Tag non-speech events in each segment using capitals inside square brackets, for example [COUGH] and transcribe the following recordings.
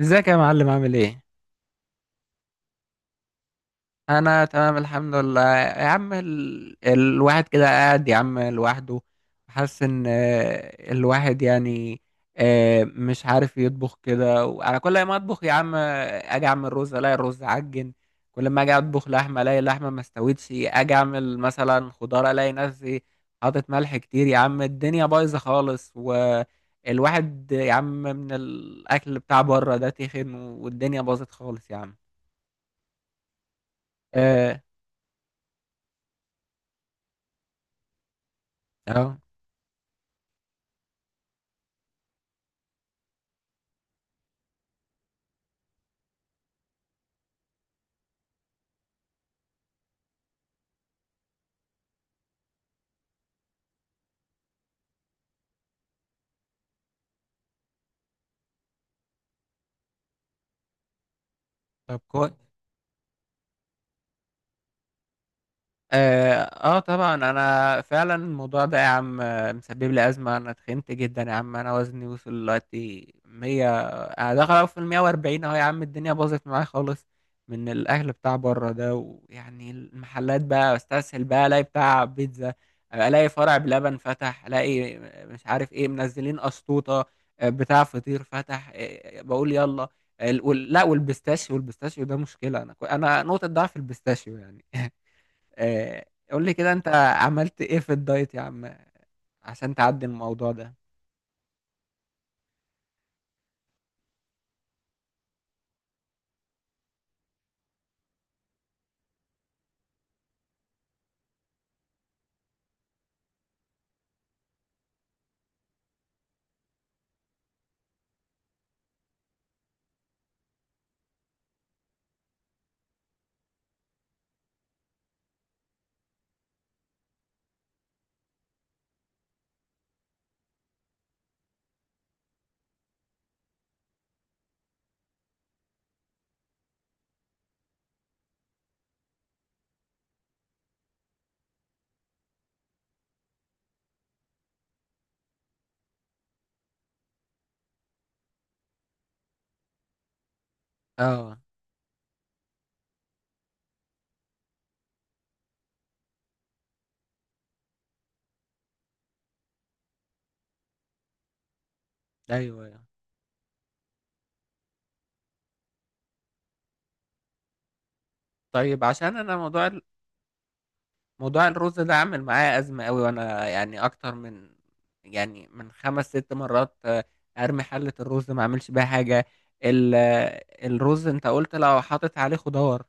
ازيك يا معلم، عامل ايه؟ انا تمام الحمد لله يا عم. الواحد كده قاعد يا عم لوحده، حاسس ان الواحد يعني مش عارف يطبخ كده. وعلى كل ما اطبخ يا عم، اجي اعمل رز الاقي الرز عجن. كل ما اجي اطبخ لحمه الاقي اللحمه ما استوتش. اجي اعمل مثلا خضار الاقي نفسي حاطط ملح كتير يا عم، الدنيا بايظه خالص. والواحد يا عم من الاكل بتاع بره ده تخن، والدنيا باظت خالص يا عم. اه، اه، طب كويس. اه طبعا، انا فعلا الموضوع ده يا عم مسبب لي ازمه. انا تخنت جدا يا عم، انا وزني وصل دلوقتي 100، انا داخل في ال 140 اهو يا عم. الدنيا باظت معايا خالص من الاكل بتاع بره ده. ويعني المحلات بقى، استسهل بقى، الاقي بتاع بيتزا، الاقي فرع بلبن فتح، الاقي مش عارف ايه منزلين اسطوطه، بتاع فطير فتح، بقول يلا. لا، والبيستاشيو ده مشكله. انا انا نقطه ضعف البيستاشيو يعني. آه، قول لي كده انت، عملت ايه في الدايت يا عم عشان تعدي الموضوع ده. اه، ايوه، أيوة. طيب، عشان انا موضوع موضوع الرز ده عامل معايا ازمه قوي. وانا يعني اكتر من، يعني من خمس ست مرات ارمي حله الرز ما اعملش بيها حاجه. الرز انت قلت لو حاطط عليه خضار،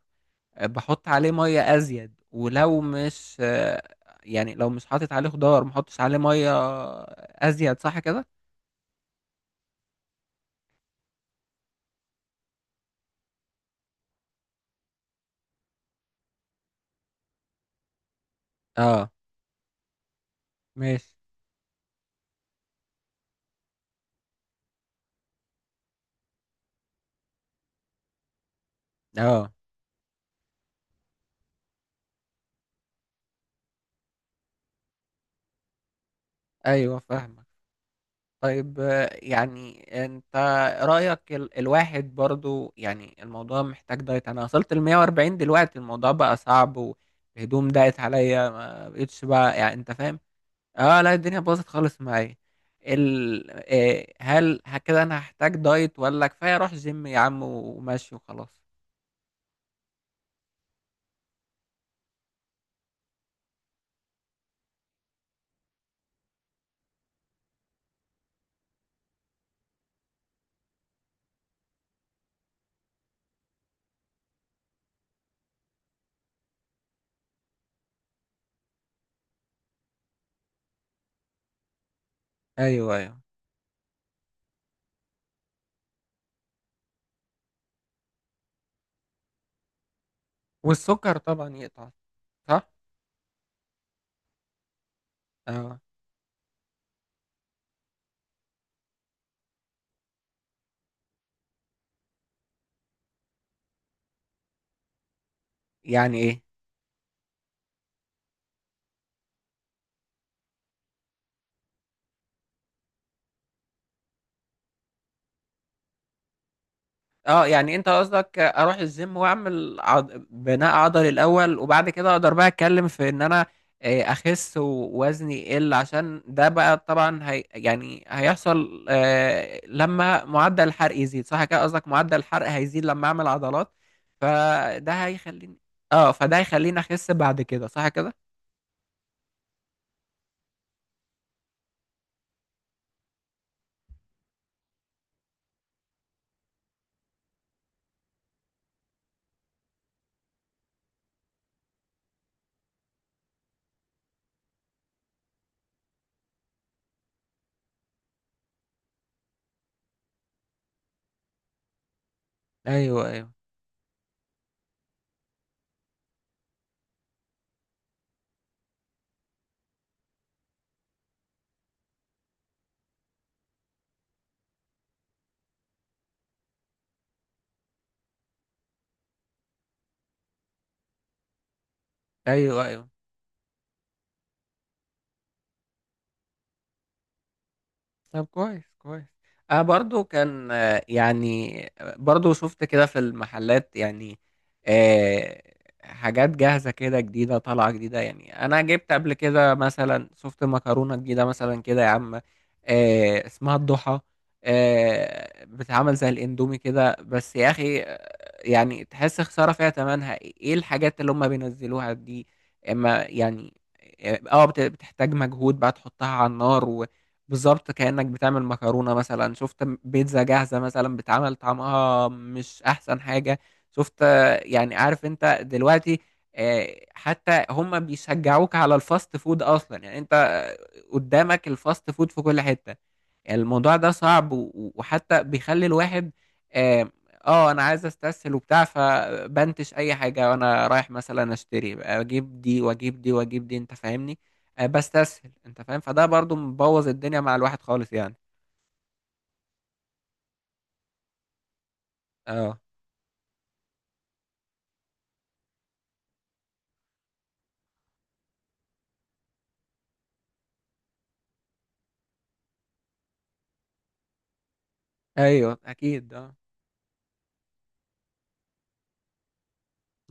بحط عليه ميه ازيد. ولو مش يعني لو مش حاطط عليه خضار ما احطش عليه ميه ازيد، صح كده؟ اه، ماشي. اه، ايوه فاهمك. طيب، يعني انت رأيك، الواحد برضو يعني الموضوع محتاج دايت. انا وصلت ل 140 دلوقتي، الموضوع بقى صعب، والهدوم ضاقت عليا ما بقتش بقى، يعني انت فاهم. اه، لا، الدنيا باظت خالص معايا. ال آه، هل ه- كده انا هحتاج دايت ولا كفاية اروح جيم يا عم وماشي وخلاص؟ ايوه، ايوه. والسكر طبعا يقطع، صح. اه. يعني ايه؟ اه، يعني انت قصدك اروح الجيم واعمل بناء عضلي الاول، وبعد كده اقدر بقى اتكلم في ان انا اخس ووزني يقل، عشان ده بقى طبعا يعني هيحصل لما معدل الحرق يزيد، صح كده؟ قصدك معدل الحرق هيزيد لما اعمل عضلات، فده هيخليني. اه، فده هيخليني اخس بعد كده، صح كده؟ ايوه، ايوه. ايوه، ايوه. طب كويس، كويس. انا برضو كان يعني برضو شفت كده في المحلات يعني. آه، حاجات جاهزة كده جديدة طالعة جديدة. يعني انا جبت قبل كده مثلا، شفت مكرونة جديدة مثلا كده يا عم، اسمها الضحى. بتتعمل زي الاندومي كده بس يا اخي، يعني تحس خسارة فيها. تمنها ايه الحاجات اللي هم بينزلوها دي؟ اما يعني، اه، بتحتاج مجهود بقى تحطها على النار، بالظبط كأنك بتعمل مكرونة. مثلا شفت بيتزا جاهزة مثلا بتعمل، طعمها مش أحسن حاجة. شفت، يعني عارف أنت دلوقتي؟ حتى هم بيشجعوك على الفاست فود أصلا. يعني أنت قدامك الفاست فود في كل حتة. يعني الموضوع ده صعب، وحتى بيخلي الواحد، آه أنا عايز أستسهل وبتاع، فبنتش أي حاجة. وأنا رايح مثلا أشتري، أجيب دي وأجيب دي وأجيب دي، أنت فاهمني؟ بستسهل انت فاهم، فده برضو مبوظ الدنيا مع الواحد خالص يعني. اه، ايوه اكيد، اه.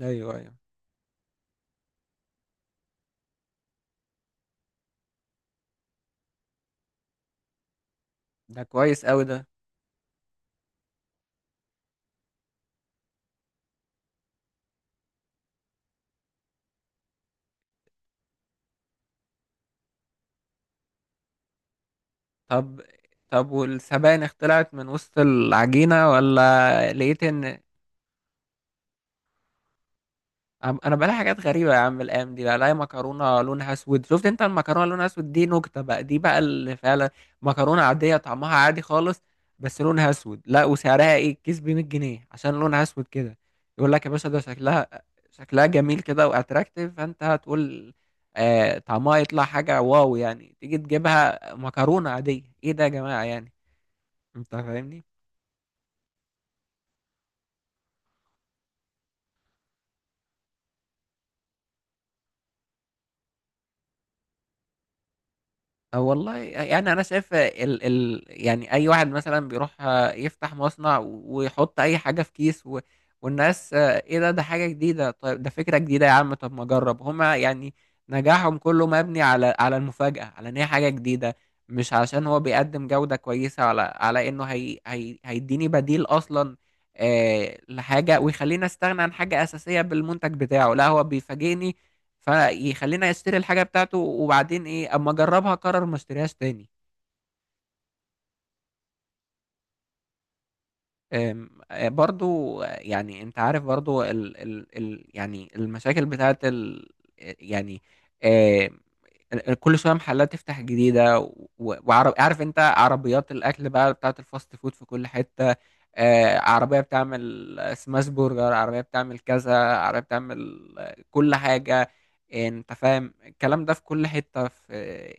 ايوه، ايوه. ده كويس قوي ده. طب. طب، والسبانخ طلعت من وسط العجينة ولا لقيت ان انا بلاقي حاجات غريبه يا عم الايام دي، بلاقي مكرونه لونها اسود. شفت انت المكرونه لونها اسود دي؟ نكته بقى، دي بقى اللي فعلا مكرونه عاديه طعمها عادي خالص، بس لونها اسود. لا، وسعرها ايه؟ الكيس ب 100 جنيه عشان لونها اسود كده. يقول لك يا باشا ده شكلها جميل كده واتراكتيف، فانت هتقول طعمها يطلع حاجه واو. يعني تيجي تجيبها مكرونه عاديه، ايه ده يا جماعه يعني، انت فاهمني. أو والله، يعني انا شايف ال ال يعني اي واحد مثلا بيروح يفتح مصنع ويحط اي حاجه في كيس. والناس ايه ده حاجه جديده، طيب ده فكره جديده يا عم، طب ما اجرب. هما يعني نجاحهم كله مبني على على المفاجاه، على ان هي حاجه جديده، مش عشان هو بيقدم جوده كويسه، على انه هي هيديني بديل اصلا لحاجه، ويخليني استغنى عن حاجه اساسيه بالمنتج بتاعه. لا، هو بيفاجئني فيخليني اشتري الحاجه بتاعته، وبعدين ايه؟ اما اجربها اقرر ما اشتريهاش تاني. أم، آه، برضو يعني انت عارف، برضو ال ال ال يعني المشاكل بتاعت يعني آه، كل شويه محلات تفتح جديده. وعارف، انت عربيات الاكل بقى بتاعت الفاست فود في كل حته، عربية بتعمل سماش برجر، عربية بتعمل كذا، عربية بتعمل كل حاجة. انت فاهم الكلام ده في كل حتة في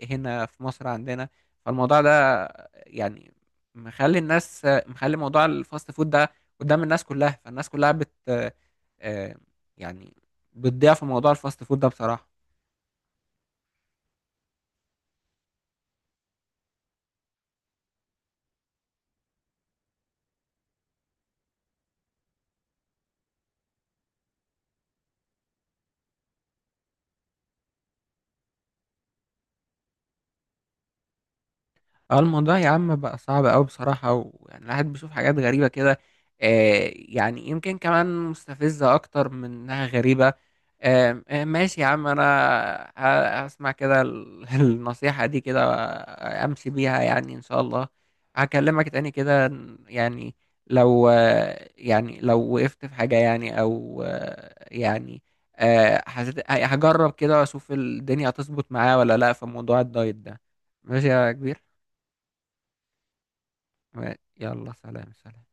هنا في مصر عندنا. فالموضوع ده، يعني، مخلي الناس، مخلي موضوع الفاست فود ده قدام الناس كلها. فالناس كلها بت آه، آه، يعني بتضيع في موضوع الفاست فود ده بصراحة. اه، الموضوع يا عم بقى صعب قوي بصراحة. ويعني الواحد بيشوف حاجات غريبة كده، يعني يمكن كمان مستفزة أكتر من إنها غريبة. ماشي يا عم. أنا هسمع كده [LAUGHS] النصيحة دي كده، أمشي بيها يعني إن شاء الله. هكلمك تاني كده، يعني لو يعني لو وقفت في حاجة، يعني أو يعني حسيت، هجرب كده وأشوف الدنيا هتظبط معايا ولا لأ في موضوع الدايت ده. ماشي يا كبير. و- يلا، سلام سلام.